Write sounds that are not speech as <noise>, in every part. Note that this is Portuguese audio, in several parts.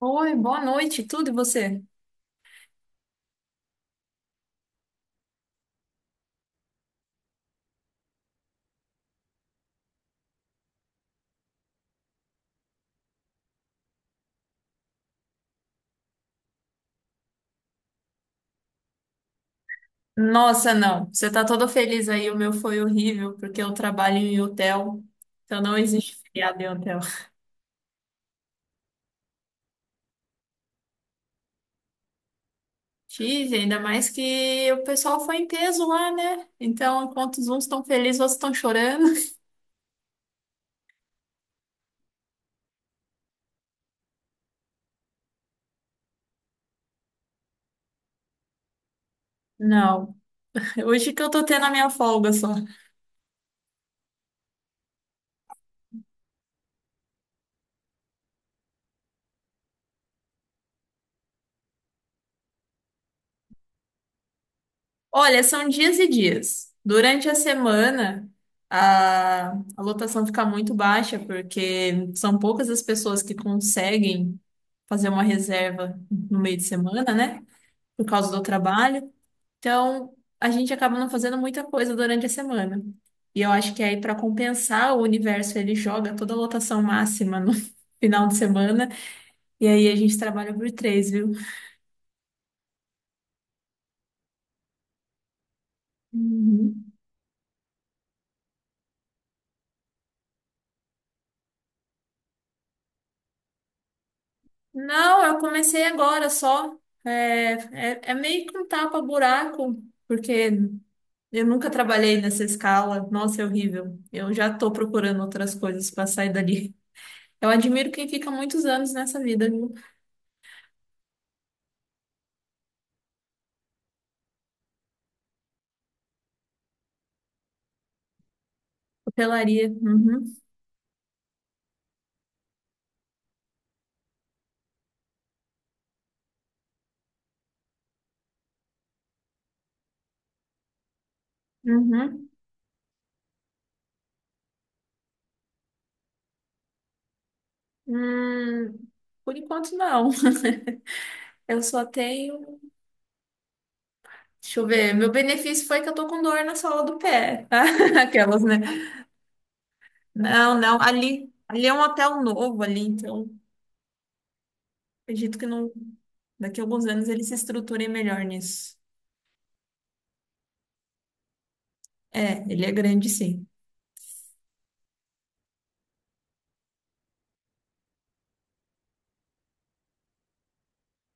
Oi, boa noite, tudo e você? Nossa, não, você tá todo feliz aí, o meu foi horrível, porque eu trabalho em hotel, então não existe feriado em hotel. Tive, ainda mais que o pessoal foi em peso lá, né? Então, enquanto os uns estão felizes, outros estão chorando. Não, hoje que eu tô tendo a minha folga só. Olha, são dias e dias. Durante a semana, a, a lotação fica muito baixa, porque são poucas as pessoas que conseguem fazer uma reserva no meio de semana, né? Por causa do trabalho. Então, a gente acaba não fazendo muita coisa durante a semana. E eu acho que aí, para compensar, o universo ele joga toda a lotação máxima no <laughs> final de semana. E aí a gente trabalha por três, viu? Uhum. Não, eu comecei agora só. É, é meio que um tapa-buraco, porque eu nunca trabalhei nessa escala. Nossa, é horrível. Eu já tô procurando outras coisas para sair dali. Eu admiro quem fica muitos anos nessa vida, viu? Hotelaria. Uhum, uhum. Hum, por enquanto, não. <laughs> Eu só tenho. Deixa eu ver. Meu benefício foi que eu tô com dor na sola do pé. <laughs> Aquelas, né? Não, não. Ali é um hotel novo ali, então. Acredito que não, daqui a alguns anos ele se estruture melhor nisso. É, ele é grande, sim.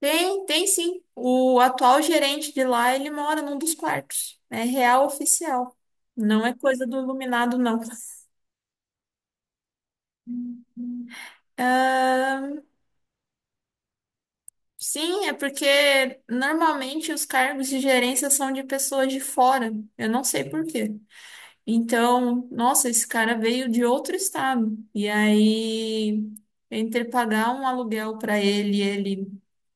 Tem, tem sim. O atual gerente de lá, ele mora num dos quartos. É real oficial. Não é coisa do iluminado, não. Sim, é porque normalmente os cargos de gerência são de pessoas de fora. Eu não sei por quê. Então, nossa, esse cara veio de outro estado. E aí, entre pagar um aluguel para ele, e ele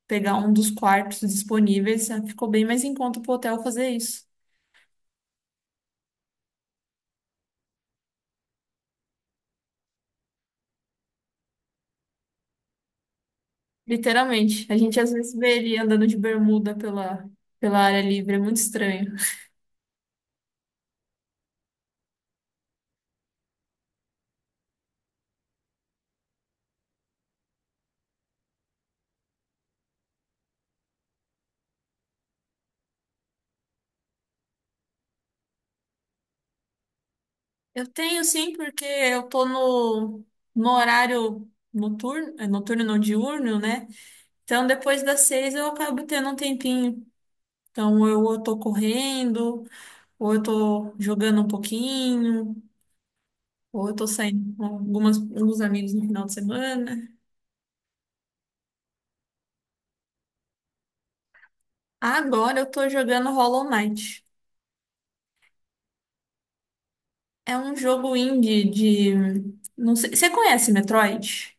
pegar um dos quartos disponíveis, ficou bem mais em conta pro hotel fazer isso. Literalmente. A gente às vezes vê ele andando de bermuda pela, pela área livre, é muito estranho. Eu tenho sim, porque eu tô no horário noturno, é, noturno não diurno, né? Então, depois das seis eu acabo tendo um tempinho. Então, eu tô correndo. Ou eu tô jogando um pouquinho, ou eu tô saindo com algumas, alguns amigos no final de semana. Agora eu tô jogando Hollow Knight. É um jogo indie de. Não sei, você conhece Metroid?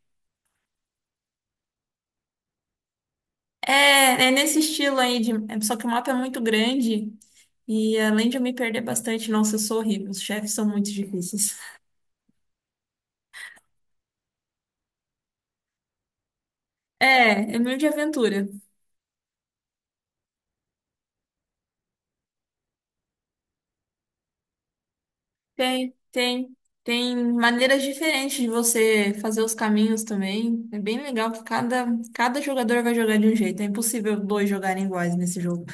É, é nesse estilo aí, só que o mapa é muito grande e além de eu me perder bastante, nossa, eu sou horrível. Os chefes são muito difíceis. É, é meio de aventura. Tem, tem maneiras diferentes de você fazer os caminhos também. É bem legal que cada, cada jogador vai jogar de um jeito. É impossível dois jogarem iguais nesse jogo.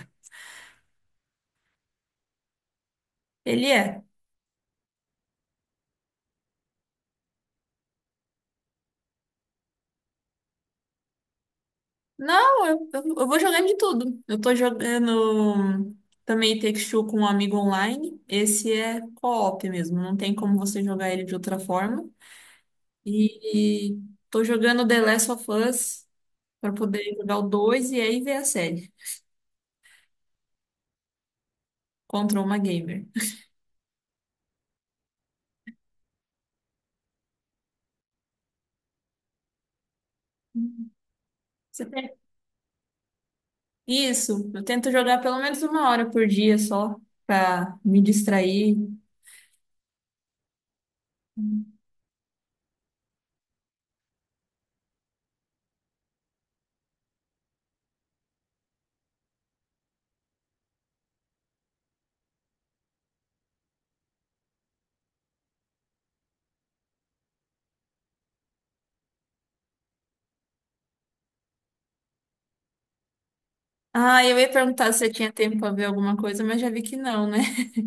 Ele é. Não, eu vou jogando de tudo. Eu tô jogando também Takes Two com um amigo online. Esse é co-op mesmo. Não tem como você jogar ele de outra forma. E tô jogando The Last of Us para poder jogar o 2 e aí ver a série. Contra uma gamer. Você tem... Isso, eu tento jogar pelo menos uma hora por dia só pra me distrair. Ah, eu ia perguntar se você tinha tempo pra ver alguma coisa, mas já vi que não, né? <laughs>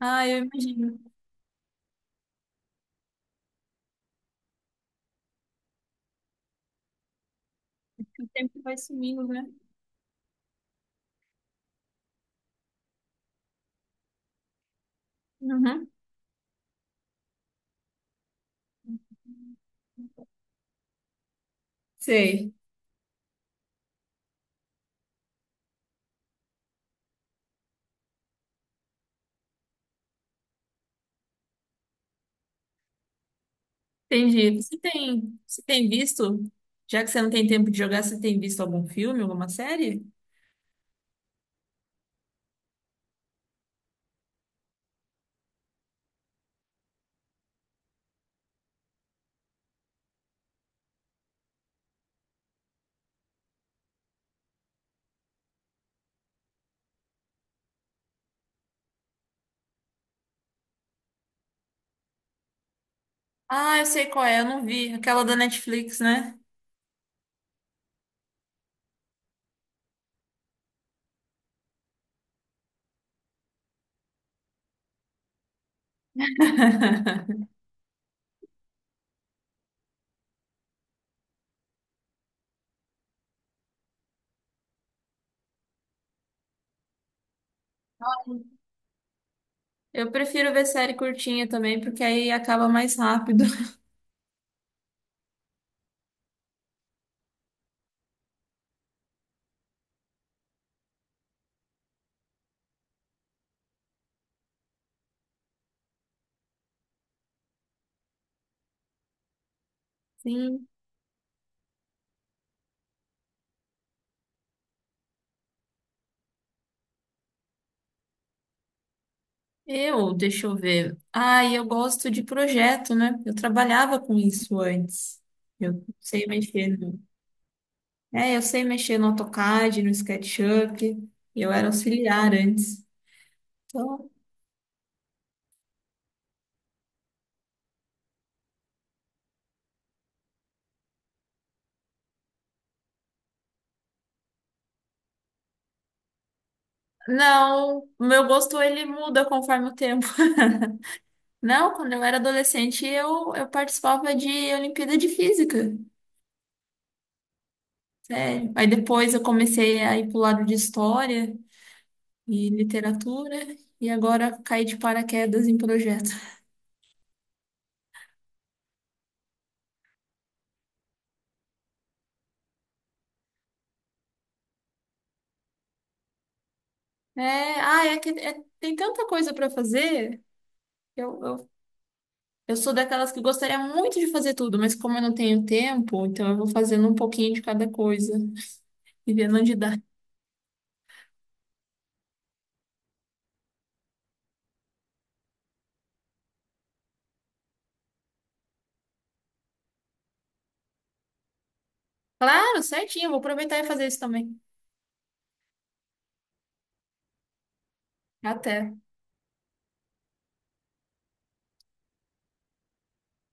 Ah, eu imagino. O tempo vai sumindo, né? Uhum. Sei, entendi. Você tem visto? Já que você não tem tempo de jogar, você tem visto algum filme, alguma série? Ah, eu sei qual é, eu não vi. Aquela da Netflix, né? <laughs> Eu prefiro ver série curtinha também, porque aí acaba mais rápido. <laughs> Sim. Eu, deixa eu ver. Ah, eu gosto de projeto, né? Eu trabalhava com isso antes. Eu sei mexer no... É, eu sei mexer no AutoCAD, no SketchUp. Eu era auxiliar antes. Então, não, o meu gosto ele muda conforme o tempo. <laughs> Não, quando eu era adolescente, eu participava de Olimpíada de Física. Sério. Aí depois eu comecei a ir pro lado de História e Literatura. E agora caí de paraquedas em projeto. É, ah, é que é- tem tanta coisa para fazer. Eu, eu, eu sou daquelas que gostaria muito de fazer tudo, mas como eu não tenho tempo, então eu vou fazendo um pouquinho de cada coisa e vendo onde dá. Claro, certinho, eu vou aproveitar e fazer isso também. Até.